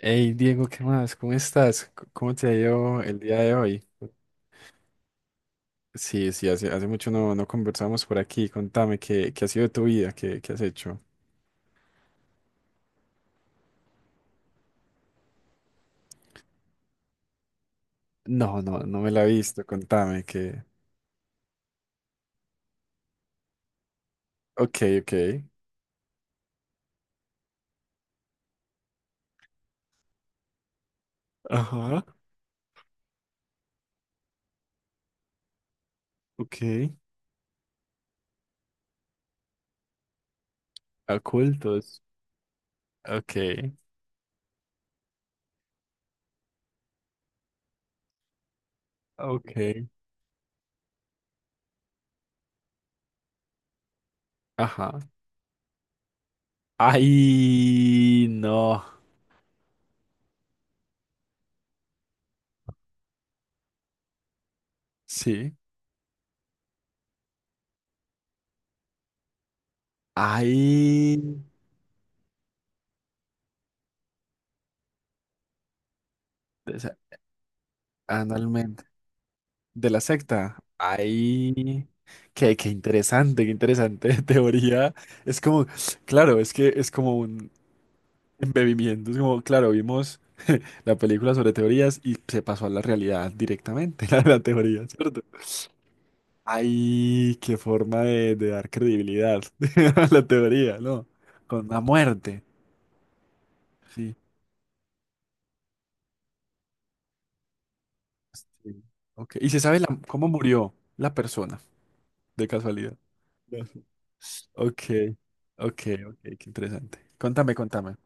Hey Diego, ¿qué más? ¿Cómo estás? ¿Cómo te ha ido el día de hoy? Sí, hace, hace mucho no conversamos por aquí. Contame, ¿qué ha sido de tu vida? ¿Qué has hecho? No, no, no me la he visto. Contame, que... Ok, ok. Ajá, ok. Ocultos. Ok, ok. Ajá. Ay, no. Sí. Ay, analmente de la secta. Ay, qué interesante teoría. Es como, claro, es que es como un embebimiento. Es como, claro, vimos la película sobre teorías y se pasó a la realidad directamente, a la teoría, ¿cierto? Ay, qué forma de dar credibilidad a la teoría, ¿no? Con la muerte. Sí, sí. Ok. ¿Y se sabe cómo murió la persona, de casualidad? Ok, ok, ok, qué interesante. Contame, contame.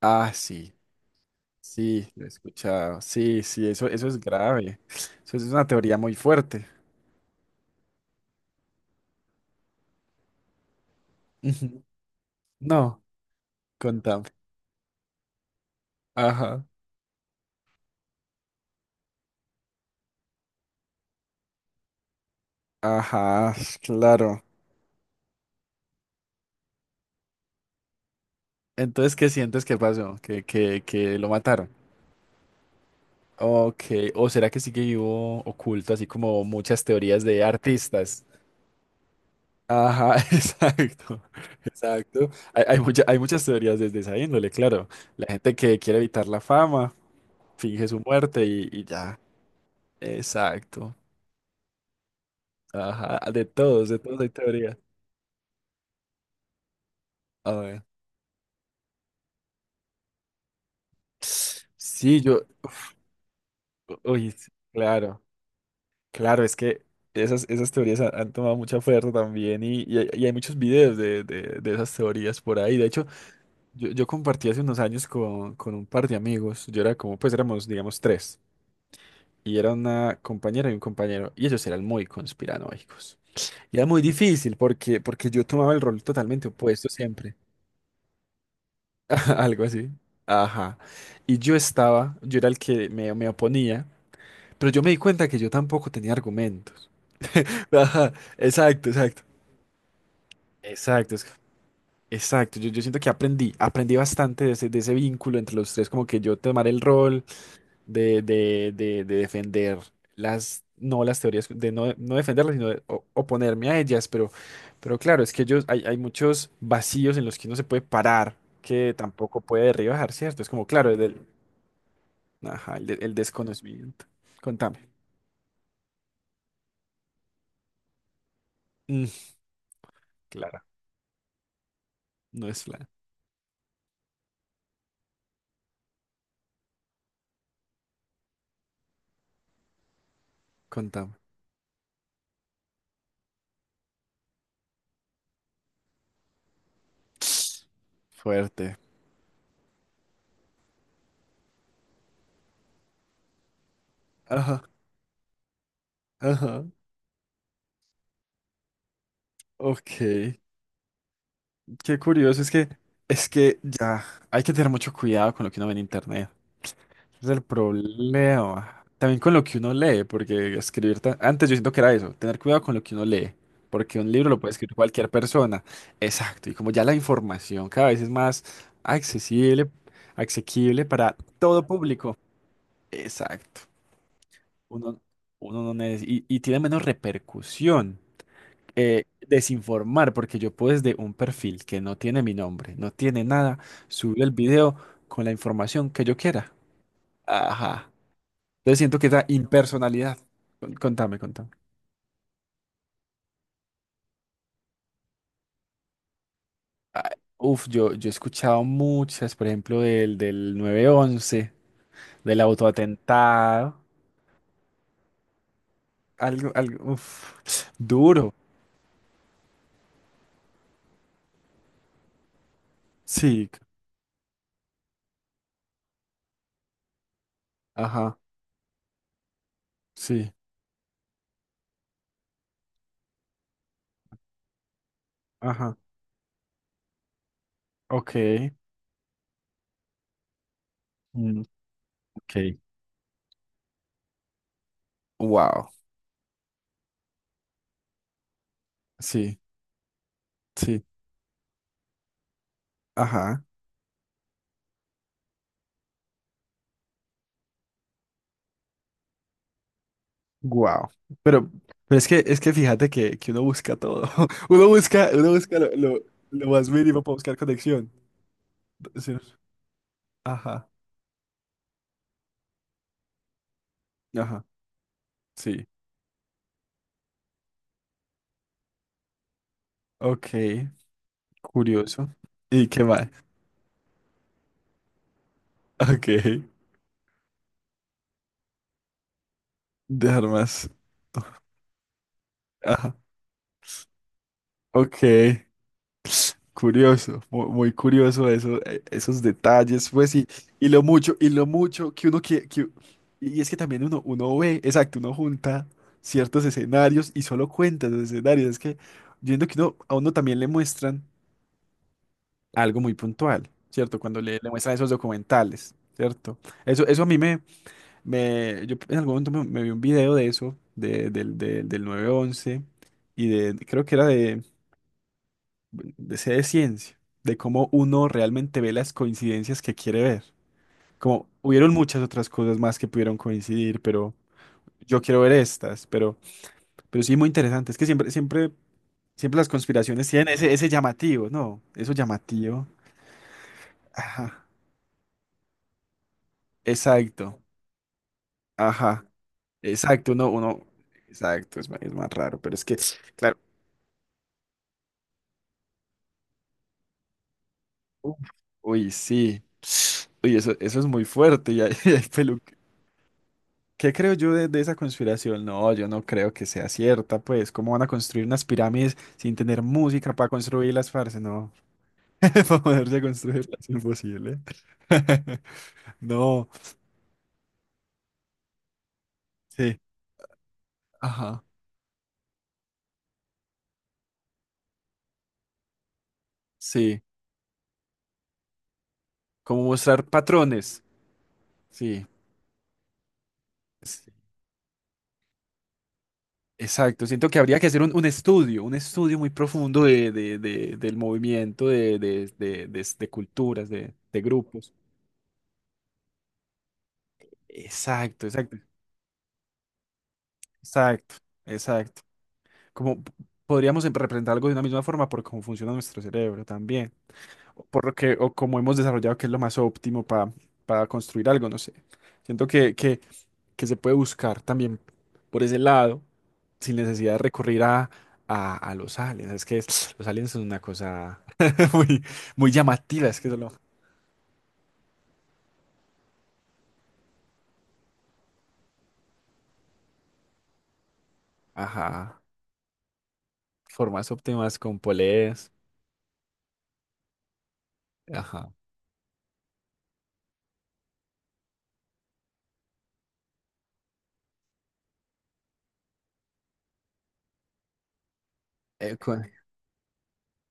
Ah, sí, sí, lo he escuchado. Sí, sí, eso es grave. Eso es una teoría muy fuerte. Ujú. No, contame. Ajá, ajá, claro. Entonces, ¿qué sientes que pasó? ¿Que lo mataron? Ok, ¿o será que sigue vivo oculto, así como muchas teorías de artistas? Ajá, exacto, exacto. Hay, hay muchas teorías desde esa índole, claro. La gente que quiere evitar la fama, finge su muerte y ya. Exacto. Ajá, de todos hay teorías. A ver. Sí, yo... uf, uy, sí, claro, claro, es que esas, esas teorías han, han tomado mucha fuerza también y hay muchos videos de esas teorías por ahí. De hecho, yo compartí hace unos años con un par de amigos. Yo era como, pues éramos, digamos, tres. Y era una compañera y un compañero, y ellos eran muy conspiranoicos. Y era muy difícil porque, porque yo tomaba el rol totalmente opuesto siempre, algo así. Ajá. Y yo estaba, yo era el que me oponía, pero yo me di cuenta que yo tampoco tenía argumentos. Ajá, exacto, exacto. Exacto, exacto. Yo siento que aprendí, aprendí bastante de ese vínculo entre los tres, como que yo tomar el rol de, de defender las, no las teorías, de no, no defenderlas, sino de oponerme a ellas, pero claro, es que ellos, hay muchos vacíos en los que uno se puede parar, que tampoco puede derribar, ¿cierto? Es como, claro, el, ajá, el, el desconocimiento. Contame. Mm, Clara, no es plan. Contame. Fuerte. Ajá, ajá. Ok. Qué curioso, es que ya hay que tener mucho cuidado con lo que uno ve en internet. Es el problema. También con lo que uno lee, porque escribir... Antes yo siento que era eso, tener cuidado con lo que uno lee, porque un libro lo puede escribir cualquier persona. Exacto, y como ya la información cada vez es más accesible, asequible para todo público. Exacto. Uno, uno no neces- y tiene menos repercusión. Desinformar, porque yo puedo desde un perfil que no tiene mi nombre, no tiene nada, subir el video con la información que yo quiera. Ajá. Entonces siento que esa impersonalidad. Contame, contame. Ah, uf, yo he escuchado muchas, por ejemplo, del, del nueve once, del autoatentado. Algo, algo, uf, duro. Sí, ajá, sí, ajá, ok. Mm, ok. Wow, sí, sí, ajá, wow. Pero, pero es que fíjate que uno busca todo. Uno busca lo más mínimo para buscar conexión. Sí, ajá, ajá, sí. Ok, curioso. ¿Y qué más? Ok, dejar más. Ajá. Ok, curioso, muy, curioso eso, esos detalles, pues y lo mucho que uno y es que también uno, uno ve, exacto, uno junta ciertos escenarios y solo cuenta los escenarios. Es que viendo que uno, a uno también le muestran algo muy puntual, ¿cierto? Cuando le muestran esos documentales, ¿cierto? Eso a mí me... Me, yo en algún momento me, me vi un video de eso, de, del, del nueve once y de, creo que era de C de ciencia, de cómo uno realmente ve las coincidencias que quiere ver. Como hubieron muchas otras cosas más que pudieron coincidir, pero yo quiero ver estas, pero sí muy interesante. Es que siempre, siempre, siempre las conspiraciones tienen ese, ese llamativo, ¿no? Eso llamativo. Ajá. Exacto. Ajá. Exacto. Uno, uno. Exacto. Es, es más raro, pero es que, claro. Uf, uy, sí. Uy, eso es muy fuerte. Ya, el pelu- ¿qué creo yo de esa conspiración? No, yo no creo que sea cierta, pues. ¿Cómo van a construir unas pirámides sin tener música para construirlas, parce? No. Para poderse construirlas, imposible. No, sí. Ajá. Sí. ¿Como mostrar patrones? Sí, sí. Exacto. Siento que habría que hacer un estudio muy profundo de, del movimiento, de, de culturas, de grupos. Exacto, exacto, exacto, exacto. Como podríamos representar algo de una misma forma por cómo funciona nuestro cerebro también, o por lo que, o cómo hemos desarrollado que es lo más óptimo para construir algo, no sé. Siento que se puede buscar también por ese lado, sin necesidad de recurrir a los aliens. Es que los aliens son una cosa muy, muy llamativa, es que solo. Ajá. Formas óptimas con poleas. Ajá.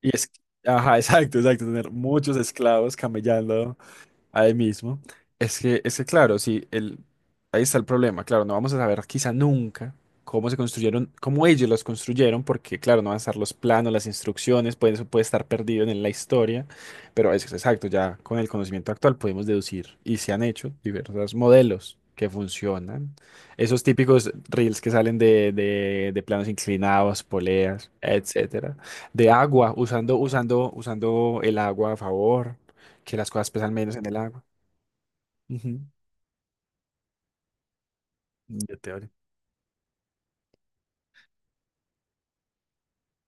Y es, ajá, exacto, exacto, tener muchos esclavos camellando. Ahí mismo. Es que claro, sí, el, ahí está el problema. Claro, no vamos a saber quizá nunca cómo se construyeron, cómo ellos los construyeron, porque claro, no van a estar los planos, las instrucciones, puede, eso puede estar perdido en la historia, pero es exacto, ya con el conocimiento actual podemos deducir y se han hecho diversos modelos que funcionan. Esos típicos reels que salen de planos inclinados, poleas, etcétera, de agua, usando, usando, usando el agua a favor que las cosas pesan menos en el agua. Ujú, ya te abrí.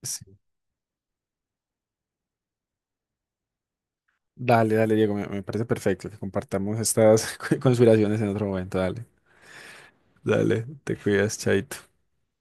Sí. Dale, dale, Diego, me parece perfecto que compartamos estas conspiraciones en otro momento. Dale. Dale, te cuidas, chaito.